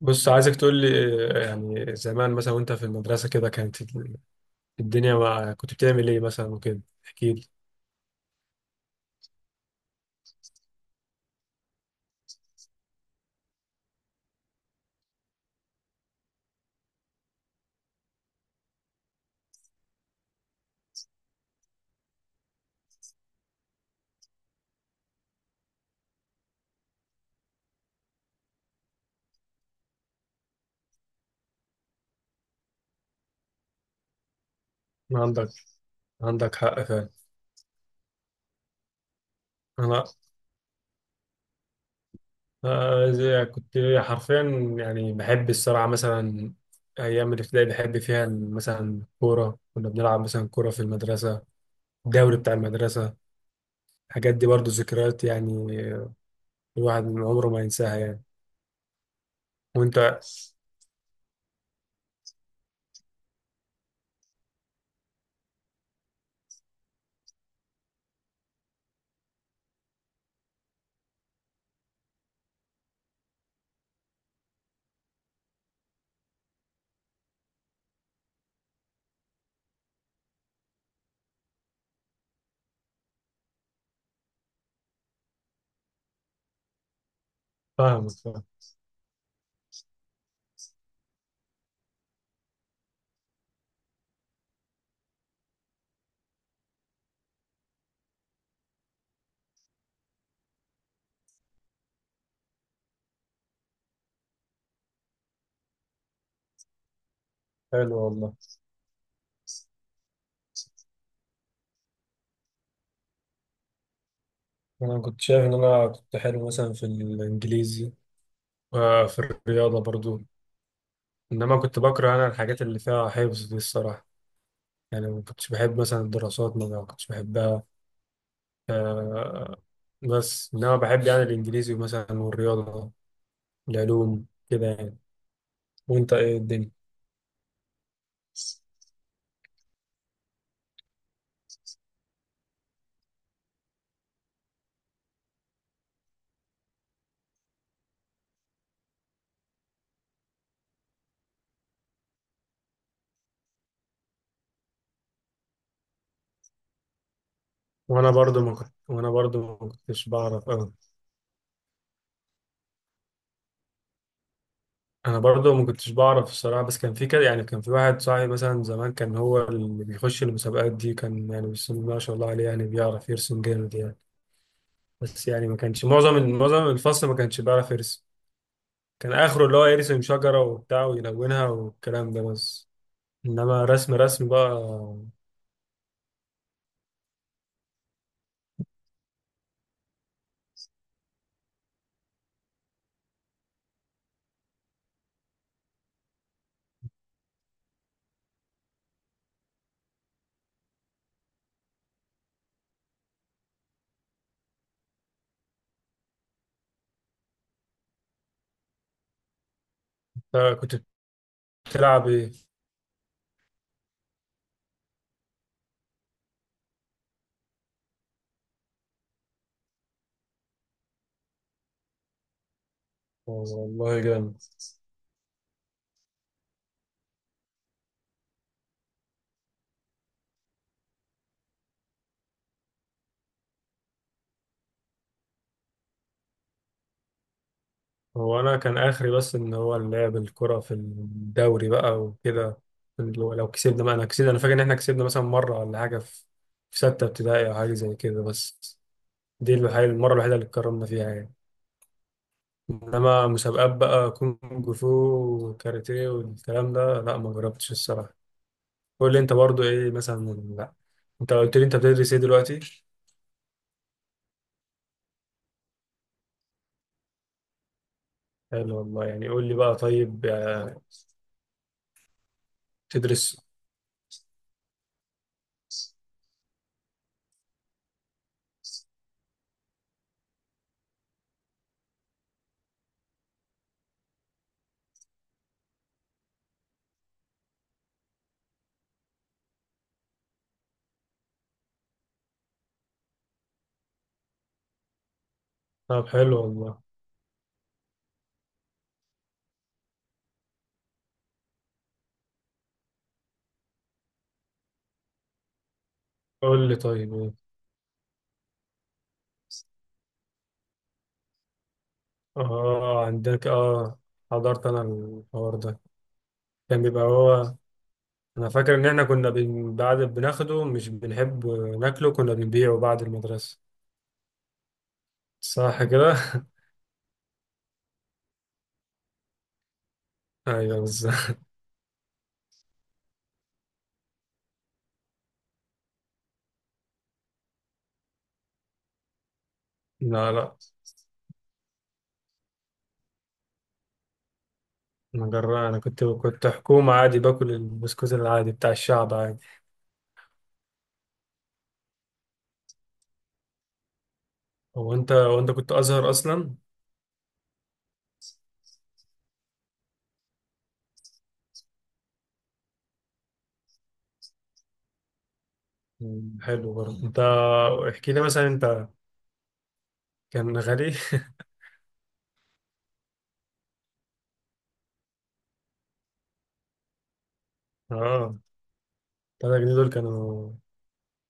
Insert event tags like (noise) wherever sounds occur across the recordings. بص عايزك تقول لي. يعني زمان مثلا وانت في المدرسة كده كانت الدنيا مع كنت بتعمل ايه مثلا وكده احكي لي. عندك. عندك حق فعلا. انا كنت حرفيا، يعني بحب الصراحة مثلا. ايام الابتدائي بحب فيها مثلا كورة، كنا بنلعب مثلا كورة في المدرسة، الدوري بتاع المدرسة. الحاجات دي برضو ذكريات يعني، الواحد من عمره ما ينساها يعني. وانت؟ فاهمك، فاهم. حلو والله. انا كنت شايف ان انا كنت حلو مثلا في الانجليزي وفي الرياضه برضو، انما كنت بكره انا الحاجات اللي فيها حفظ دي الصراحه. يعني ما كنتش بحب مثلا الدراسات، ما كنتش بحبها. آه، بس انما بحب يعني الانجليزي مثلا والرياضه، العلوم كده يعني. وانت ايه الدنيا؟ وانا برضو ما كنت، وانا برضو ما كنتش بعرف أوي. انا برضو ما كنتش بعرف الصراحه، بس كان في كده يعني، كان في واحد صاحبي مثلا زمان، كان هو اللي بيخش المسابقات دي، كان يعني بسم الله ما شاء الله عليه، يعني بيعرف يرسم جامد يعني. بس يعني ما كانش معظم الفصل ما كانش بيعرف يرسم. كان اخره اللي هو يرسم شجره وبتاع ويلونها والكلام ده بس، انما رسم رسم بقى. أنت كنت بتلعب ايه؟ والله جامد. هو انا كان اخري بس ان هو اللعب الكرة في الدوري بقى وكده. لو كسبنا بقى، انا كسبنا، انا فاكر ان احنا كسبنا مثلا مرة ولا حاجة في في ستة ابتدائي او حاجة زي كده بس. دي الوحيدة، المرة الوحيدة اللي اتكرمنا فيها يعني. انما مسابقات بقى كونج فو وكاراتيه والكلام ده لا، ما جربتش الصراحة. قول لي انت برضو ايه مثلا. لا، انت قلت لي انت بتدرس ايه دلوقتي؟ حلو والله. يعني قول لي بقى طيب، تدرس. طب حلو والله. قول لي طيب ايه. اه، عندك، اه. حضرت انا الحوار ده. كان بيبقى هو، انا فاكر ان احنا بعد بناخده مش بنحب ناكله، كنا بنبيعه بعد المدرسة. صح كده (laughs) ايوه بالظبط. لا لا، انا جرى انا كنت، كنت حكومة عادي، باكل البسكوت العادي بتاع الشعب عادي. هو انت وانت كنت ازهر اصلا؟ مم، حلو برضه انت. احكي لي مثلا انت. كان غالي؟ (laughs) اه، 3 جنيه دول كانوا،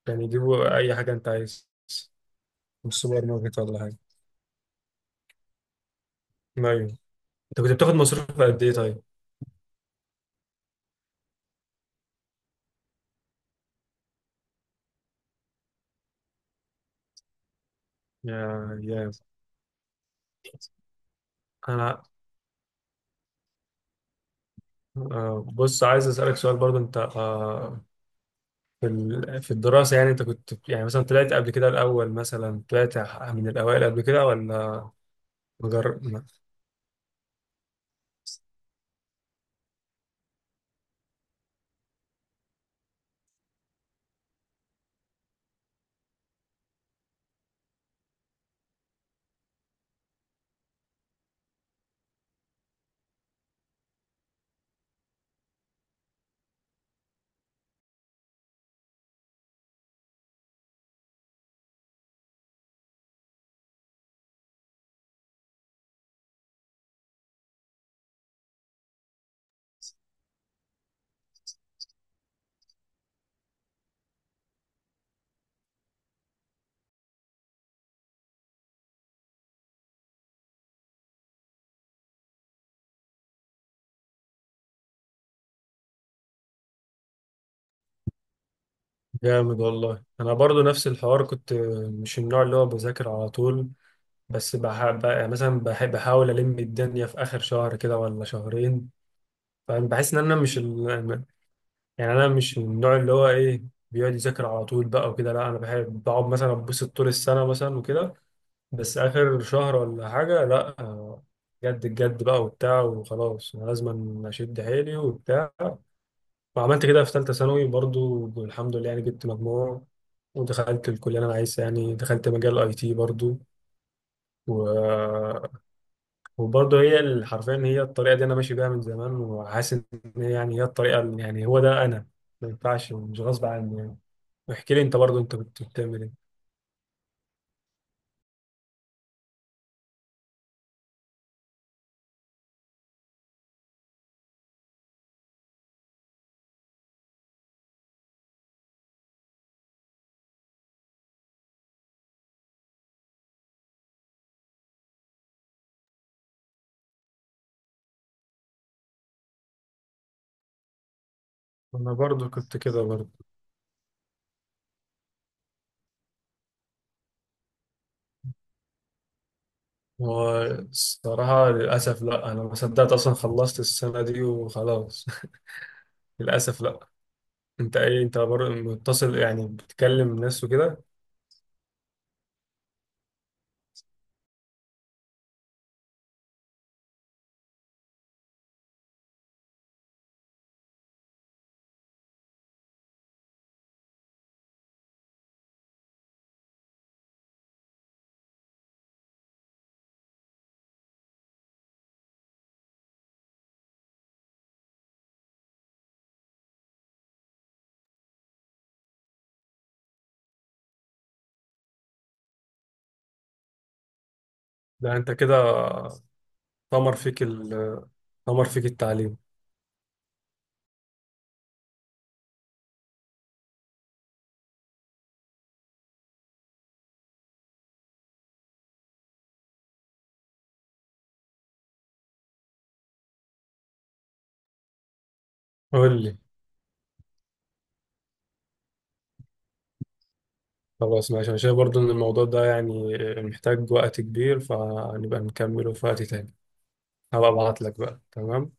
كانوا يجيبوا اي حاجة انت عايز من السوبر ماركت ولا حاجة. ايوه. انت كنت بتاخد مصروف قد ايه طيب؟ يا انا، بص، عايز اسالك سؤال برضو انت. في في الدراسه يعني انت كنت يعني مثلا طلعت قبل كده الاول، مثلا طلعت من الاوائل قبل كده ولا مجر... جامد والله. انا برضو نفس الحوار، كنت مش النوع اللي هو بذاكر على طول، بس يعني مثلا بحب بحاول الم الدنيا في اخر شهر كده ولا شهرين. فانا بحس ان انا مش، يعني انا مش من النوع اللي هو ايه، بيقعد يذاكر على طول بقى وكده. لا، انا بحب بقعد مثلا اتبسط طول السنه مثلا وكده، بس اخر شهر ولا حاجه لا، جد الجد بقى وبتاع وخلاص، انا لازم اشد حيلي وبتاع. وعملت كده في ثالثه ثانوي برضو، الحمد لله، يعني جبت مجموع ودخلت الكليه اللي انا عايزها، يعني دخلت مجال اي تي برضو. و... وبرضه هي حرفيا هي الطريقه دي انا ماشي بيها من زمان، وحاسس ان هي يعني هي الطريقه يعني هو ده انا، ما ينفعش، مش غصب عني يعني. احكي لي انت برضو انت كنت بتعمل ايه. انا برضو كنت كده برضو. والصراحة للأسف لا، انا ما صدقت اصلا خلصت السنة دي وخلاص (laughs) للأسف لا. انت ايه، انت برضو متصل يعني، بتكلم ناس وكده؟ ده انت كده طمر فيك ال طمر فيك التعليم. قول لي. خلاص ماشي، انا شايف برضو ان الموضوع ده يعني محتاج وقت كبير، فنبقى نكمله في وقت تاني. هبقى ابعت لك بقى. تمام.